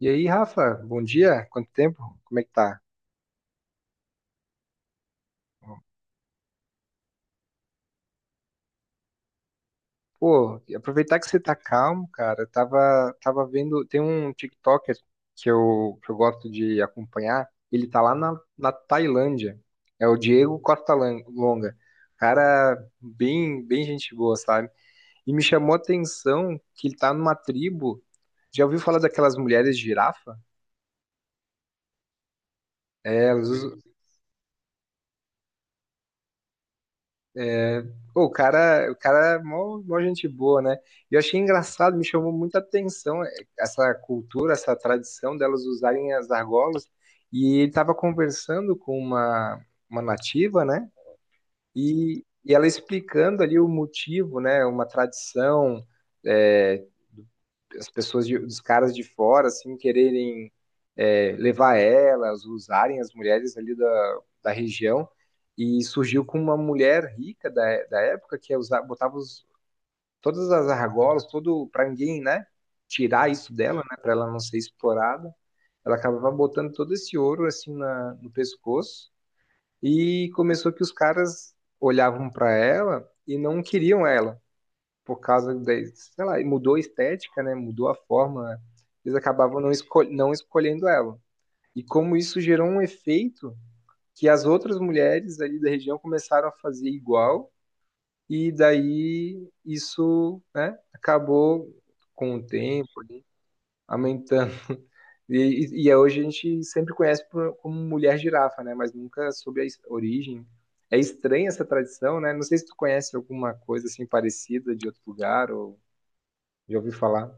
E aí, Rafa, bom dia. Quanto tempo? Como é que tá? Pô, e aproveitar que você tá calmo, cara. Tava vendo, tem um TikToker que eu gosto de acompanhar. Ele tá lá na Tailândia. É o Longa. Cara, bem gente boa, sabe? E me chamou a atenção que ele tá numa tribo. Já ouviu falar daquelas mulheres girafa? É, elas usam. É, pô, o cara é mó gente boa, né? E eu achei engraçado, me chamou muita atenção, essa cultura, essa tradição delas usarem as argolas. E ele estava conversando com uma nativa, né? E ela explicando ali o motivo, né? Uma tradição, é, as pessoas, de, os caras de fora, assim, quererem, levar elas, usarem as mulheres ali da região. E surgiu com uma mulher rica da época que usava, botava os, todas as argolas, todo para ninguém, né? Tirar isso dela, né? Para ela não ser explorada. Ela acabava botando todo esse ouro assim no pescoço e começou que os caras olhavam para ela e não queriam ela por causa da, sei lá, e mudou a estética, né? Mudou a forma. Eles acabavam não escolhendo ela. E como isso gerou um efeito que as outras mulheres ali da região começaram a fazer igual, e daí isso, né, acabou com o tempo ali, aumentando. E, e é hoje a gente sempre conhece como mulher girafa, né? Mas nunca soube a origem. É estranha essa tradição, né? Não sei se tu conhece alguma coisa assim parecida de outro lugar ou já ouviu falar.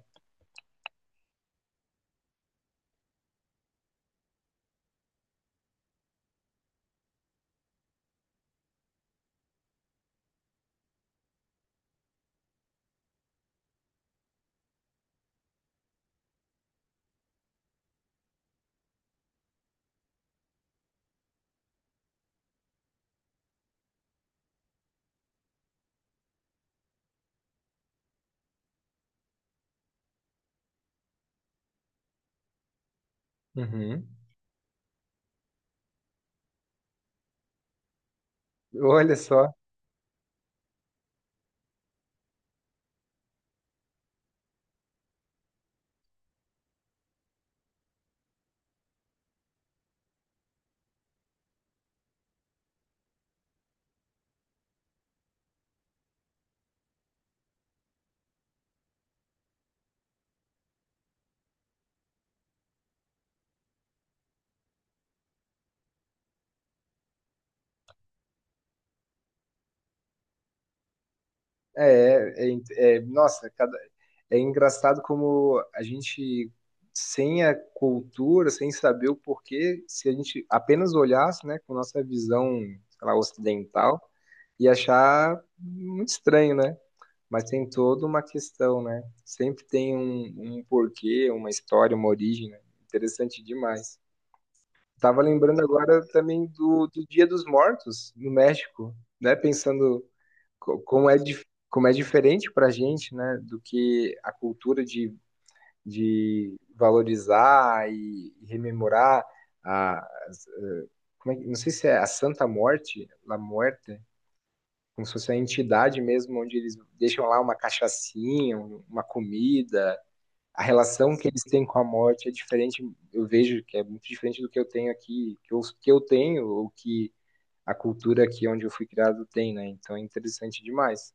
Uhum. Olha só. É, Nossa, é engraçado como a gente, sem a cultura, sem saber o porquê, se a gente apenas olhasse, né, com nossa visão, sei lá, ocidental, ia achar muito estranho, né? Mas tem toda uma questão, né? Sempre tem um porquê, uma história, uma origem, né? Interessante demais. Tava lembrando agora também do Dia dos Mortos, no México, né? Pensando. Como é, como é diferente para a gente, né, do que a cultura de valorizar e rememorar a, as- como é que, não sei se é a Santa Morte, La Muerte, como se fosse a entidade mesmo, onde eles deixam lá uma cachaçinha, uma comida. A relação que eles têm com a morte é diferente, eu vejo que é muito diferente do que eu tenho aqui, que eu tenho, ou que a cultura aqui onde eu fui criado tem, né? Então é interessante demais.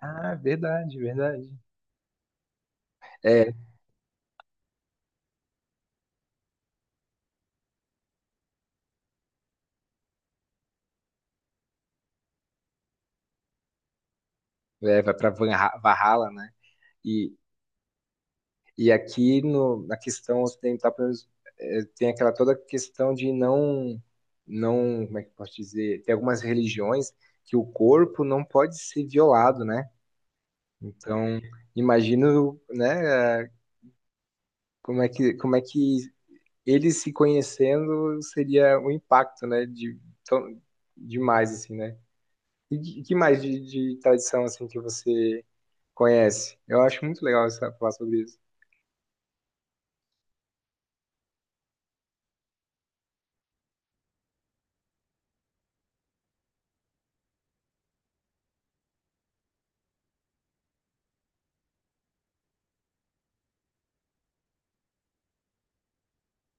Ah, verdade, verdade. É, é vai para Valhalla, né? E, e aqui no, na questão ocidental, pelo menos, é, tem aquela toda questão de não, não, como é que eu posso dizer? Tem algumas religiões que o corpo não pode ser violado, né? Então, imagino, né, como é que eles se conhecendo seria o impacto, né, de, tão- demais, assim, né? E que mais de tradição, assim, que você conhece? Eu acho muito legal você falar sobre isso.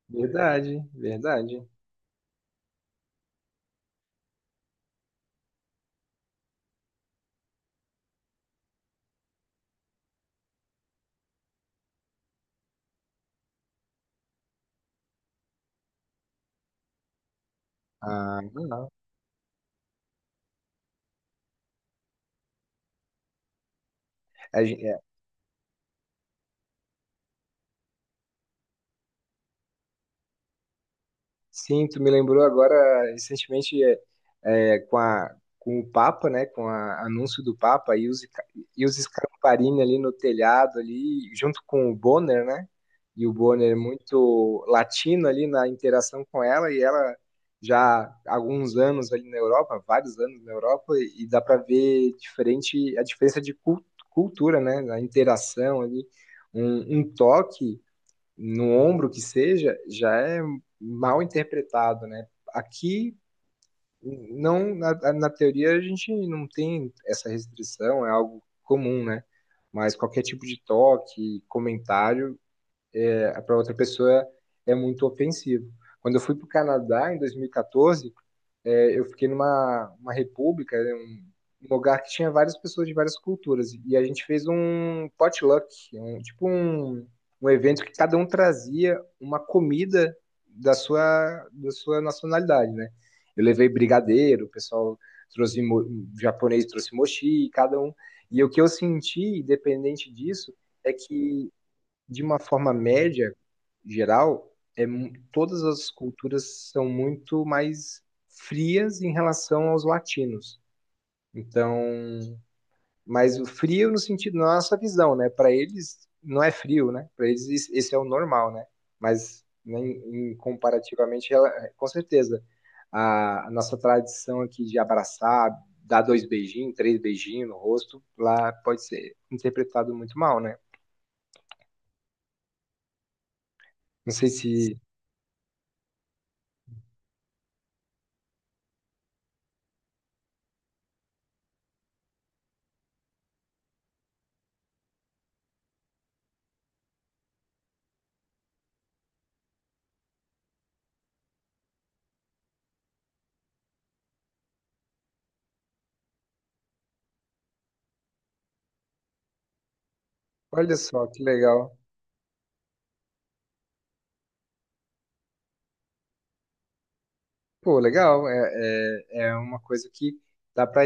Verdade, verdade. Ah, não. Sim, tu me lembrou agora recentemente, com com o Papa, né, com o anúncio do Papa e os, e os Scamparini ali no telhado ali, junto com o Bonner, né? E o Bonner é muito latino ali na interação com ela e ela já há alguns anos ali na Europa, vários anos na Europa e dá para ver diferente a diferença de cultura, né, na interação ali, um toque no ombro que seja, já é mal interpretado, né? Aqui, não, na teoria, a gente não tem essa restrição, é algo comum, né? Mas qualquer tipo de toque, comentário, para outra pessoa é muito ofensivo. Quando eu fui para o Canadá em 2014, é, eu fiquei numa uma república, né, um lugar que tinha várias pessoas de várias culturas. E a gente fez um potluck, um, tipo um, um evento que cada um trazia uma comida da sua nacionalidade, né? Eu levei brigadeiro, o pessoal o japonês trouxe mochi, cada um. E o que eu senti, independente disso, é que de uma forma média, geral, todas as culturas são muito mais frias em relação aos latinos. Então, mas o frio no sentido, na nossa visão, né? Para eles não é frio, né? Para eles esse é o normal, né? Mas né, comparativamente, ela, com certeza, a nossa tradição aqui de abraçar, dar dois beijinhos, três beijinhos no rosto, lá pode ser interpretado muito mal, né? Não sei se. Olha só que legal. Pô, legal. É uma coisa que dá para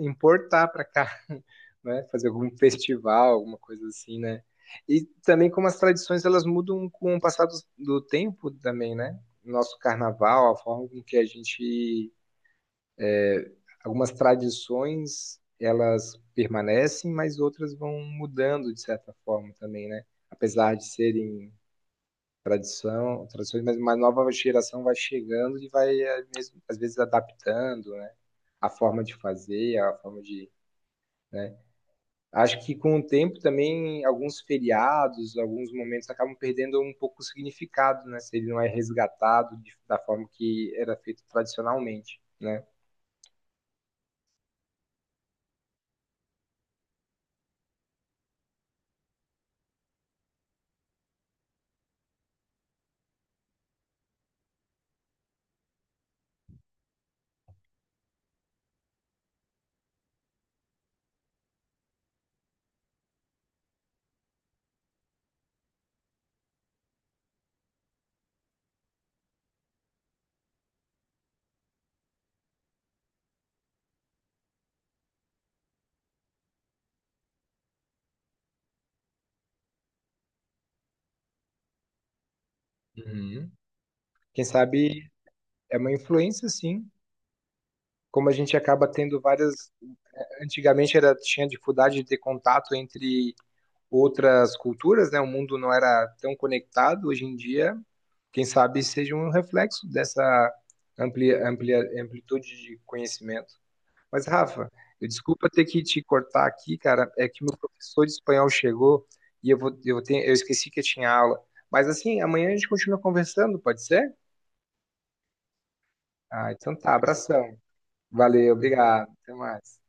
importar para cá, né? Fazer algum festival, alguma coisa assim, né? E também como as tradições elas mudam com o passar do tempo também, né? Nosso carnaval, a forma com que a gente, é, algumas tradições elas permanecem, mas outras vão mudando de certa forma também, né? Apesar de serem tradições, mas uma nova geração vai chegando e vai eh, mesmo, às vezes adaptando, né, a forma de fazer, a forma de, né? Acho que com o tempo também alguns feriados, alguns momentos acabam perdendo um pouco o significado, né, se ele não é resgatado da forma que era feito tradicionalmente, né? Uhum. Quem sabe é uma influência, sim. Como a gente acaba tendo várias. Antigamente era, tinha dificuldade de ter contato entre outras culturas, né? O mundo não era tão conectado hoje em dia. Quem sabe seja um reflexo dessa amplitude de conhecimento. Mas, Rafa, eu desculpa ter que te cortar aqui, cara. É que meu professor de espanhol chegou e eu vou, eu tenho, eu esqueci que eu tinha aula. Mas assim, amanhã a gente continua conversando, pode ser? Ah, então tá, abração. Valeu, obrigado. Até mais.